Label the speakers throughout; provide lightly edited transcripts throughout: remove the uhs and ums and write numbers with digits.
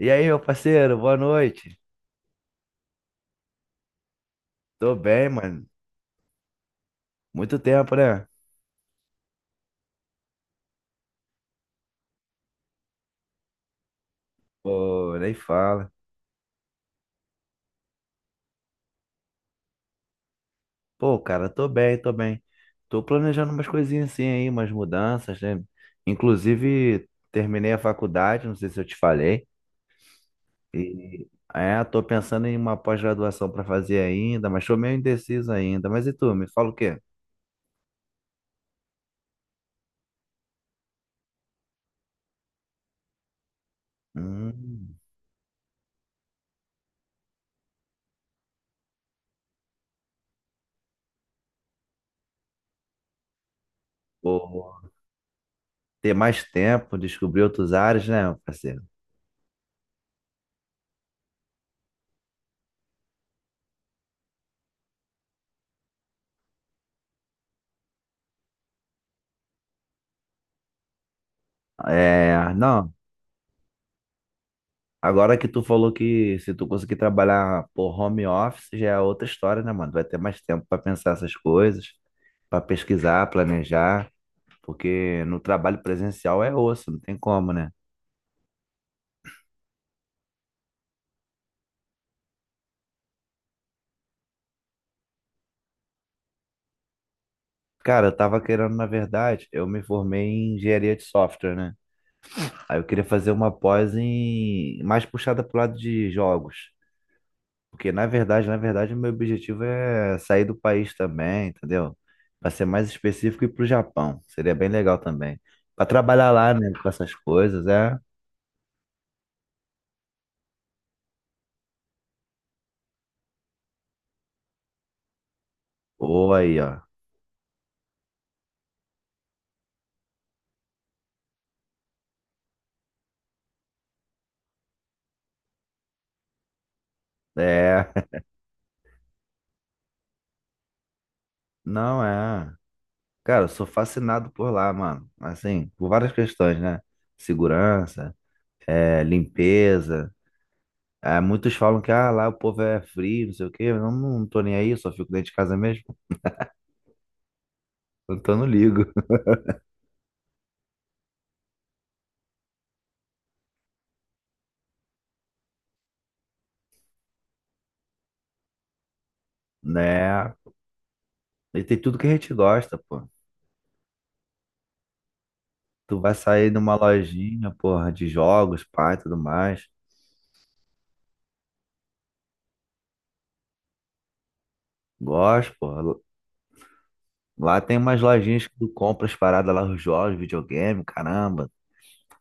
Speaker 1: E aí, meu parceiro, boa noite. Tô bem, mano. Muito tempo, né? Pô, nem fala. Pô, cara, tô bem, tô bem. Tô planejando umas coisinhas assim aí, umas mudanças, né? Inclusive, terminei a faculdade, não sei se eu te falei. E é, tô pensando em uma pós-graduação pra fazer ainda, mas tô meio indeciso ainda. Mas e tu, me fala o quê? Hum, Pô, ter mais tempo, descobrir outros áreas, né, meu parceiro? É, não. Agora que tu falou que se tu conseguir trabalhar por home office, já é outra história, né, mano? Vai ter mais tempo para pensar essas coisas, para pesquisar, planejar, porque no trabalho presencial é osso, não tem como, né? Cara, eu tava querendo, na verdade, eu me formei em engenharia de software, né? Aí eu queria fazer uma pós em mais puxada pro lado de jogos. Porque na verdade, o meu objetivo é sair do país também, entendeu? Para ser mais específico, ir pro Japão. Seria bem legal também. Para trabalhar lá, né, com essas coisas, é. Ou aí, ó. É. Não é. Cara, eu sou fascinado por lá, mano. Assim, por várias questões, né? Segurança, é, limpeza. É, muitos falam que ah, lá o povo é frio, não sei o quê. Eu não, não tô nem aí, só fico dentro de casa mesmo. Então eu não ligo, né? E tem tudo que a gente gosta, pô. Tu vai sair numa lojinha, porra, de jogos, pá, e tudo mais. Gosto, porra. Lá tem umas lojinhas que tu compra as paradas lá, os jogos, videogame, caramba.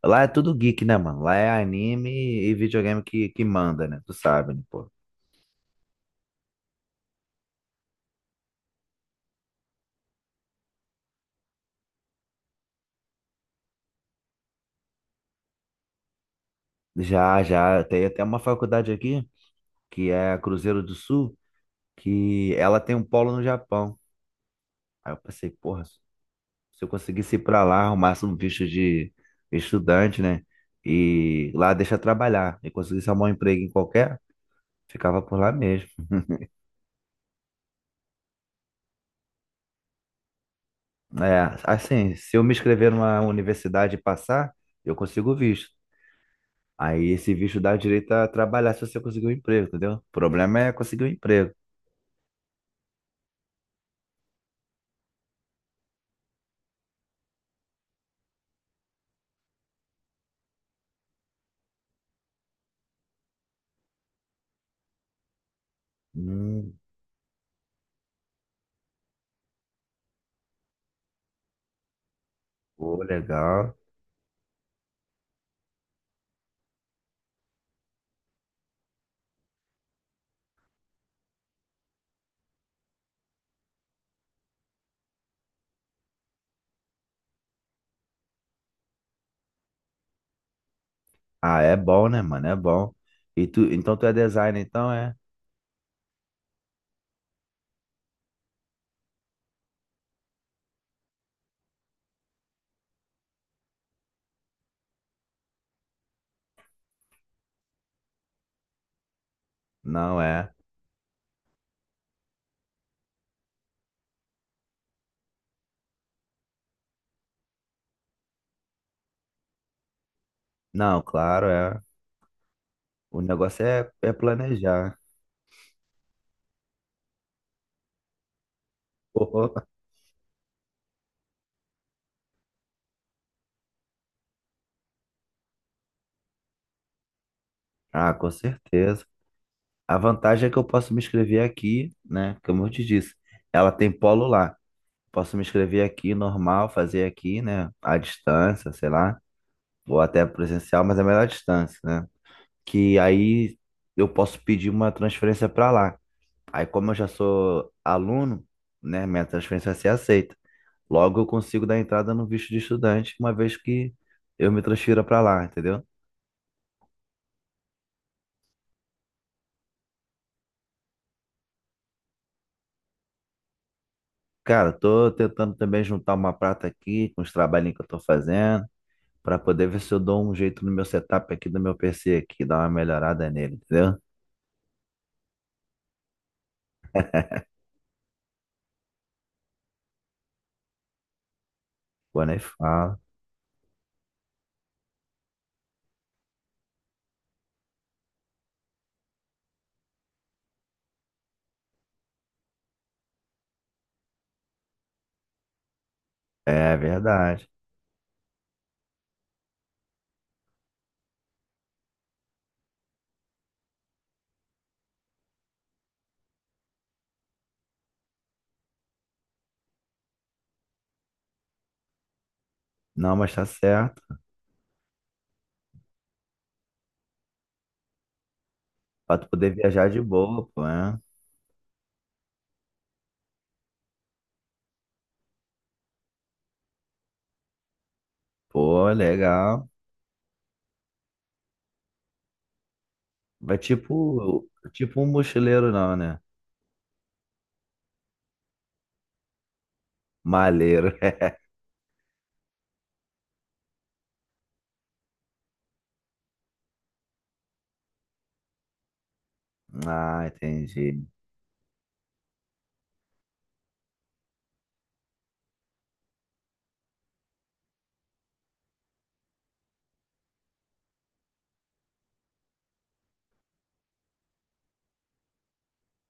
Speaker 1: Lá é tudo geek, né, mano? Lá é anime e videogame que manda, né? Tu sabe, né, pô? Já, já. Tem até uma faculdade aqui, que é a Cruzeiro do Sul, que ela tem um polo no Japão. Aí eu pensei, porra, se eu conseguisse ir pra lá, arrumasse um visto de estudante, né? E lá deixa trabalhar. E conseguisse arrumar um emprego em qualquer, ficava por lá mesmo. É, assim, se eu me inscrever numa universidade e passar, eu consigo o visto. Aí esse visto dá direito a trabalhar se você conseguir um emprego, entendeu? O problema é conseguir um emprego. Hum, Pô, legal. Ah, é bom, né, mano? É bom. E tu, então tu é designer, então é? Não é. Não, claro, é. O negócio é, é planejar. Ah, com certeza. A vantagem é que eu posso me inscrever aqui, né? Como eu te disse, ela tem polo lá. Posso me inscrever aqui, normal, fazer aqui, né? À distância, sei lá, ou até presencial, mas é melhor à distância, né? Que aí eu posso pedir uma transferência para lá. Aí, como eu já sou aluno, né? Minha transferência vai ser aceita. Logo, eu consigo dar entrada no visto de estudante, uma vez que eu me transfira para lá, entendeu? Cara, tô tentando também juntar uma prata aqui com os trabalhinhos que eu tô fazendo, pra poder ver se eu dou um jeito no meu setup aqui do meu PC aqui, dar uma melhorada nele, entendeu? Pô, nem fala. É verdade. Não, mas tá certo. Pra tu poder viajar de boa, pô, né? Pô, legal. Vai tipo, um mochileiro não, né? Maleiro. Ah, entendi.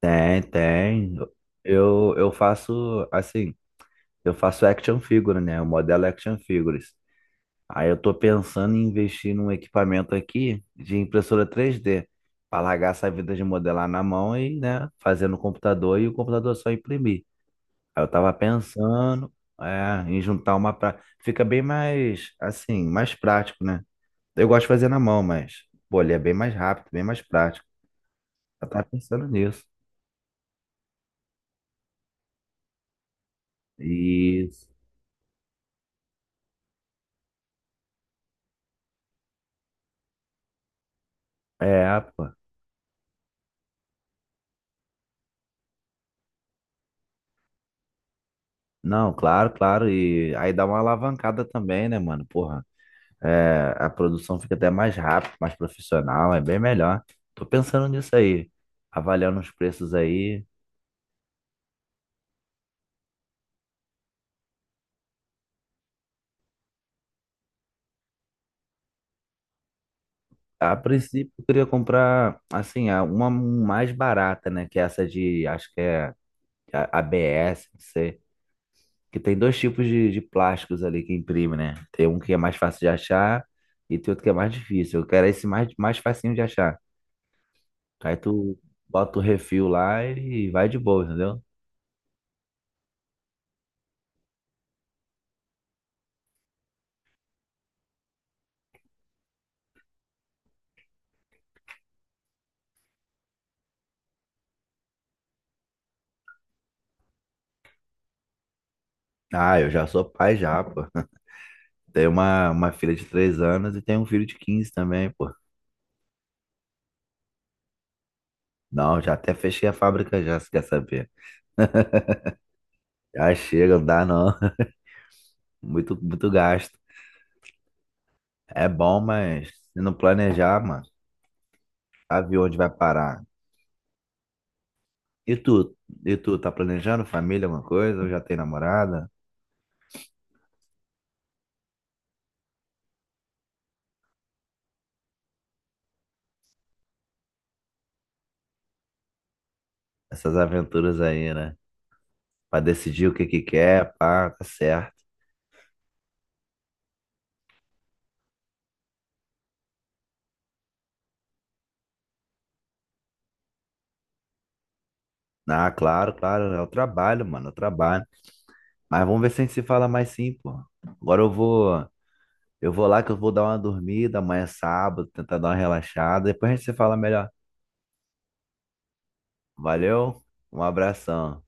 Speaker 1: Tem, tem. Eu faço assim, eu faço action figure, né? Eu modelo é action figures. Aí eu tô pensando em investir num equipamento aqui de impressora 3D, para largar essa vida de modelar na mão e, né, fazer no computador e o computador só imprimir. Aí eu tava pensando, é, em juntar uma pra... Fica bem mais, assim, mais prático, né? Eu gosto de fazer na mão, mas, pô, ele é bem mais rápido, bem mais prático. Eu tava pensando nisso. Isso. É, pô. Não, claro, claro. E aí dá uma alavancada também, né, mano? Porra. É, a produção fica até mais rápida, mais profissional, é bem melhor. Tô pensando nisso aí, avaliando os preços aí. A princípio, eu queria comprar, assim, uma um mais barata, né? Que é essa de, acho que é ABS, não sei. Que tem dois tipos de plásticos ali que imprime, né? Tem um que é mais fácil de achar e tem outro que é mais difícil. Eu quero esse mais, mais facinho de achar. Aí tu bota o refil lá e vai de boa, entendeu? Ah, eu já sou pai já, pô. Tem uma filha de 3 anos e tem um filho de 15 também, pô. Não, já até fechei a fábrica já, se quer saber. Já chega, não dá não. Muito, muito gasto. É bom, mas se não planejar, mano, sabe onde vai parar. E tu? E tu, tá planejando família, alguma coisa? Ou já tem namorada? Essas aventuras aí, né? Pra decidir o que que quer, pá, tá certo. Ah, claro, claro, é o trabalho, mano, é o trabalho. Mas vamos ver se a gente se fala mais sim, pô. Agora eu vou Eu vou lá que eu vou dar uma dormida, amanhã é sábado, tentar dar uma relaxada. Depois a gente se fala melhor. Valeu, um abração.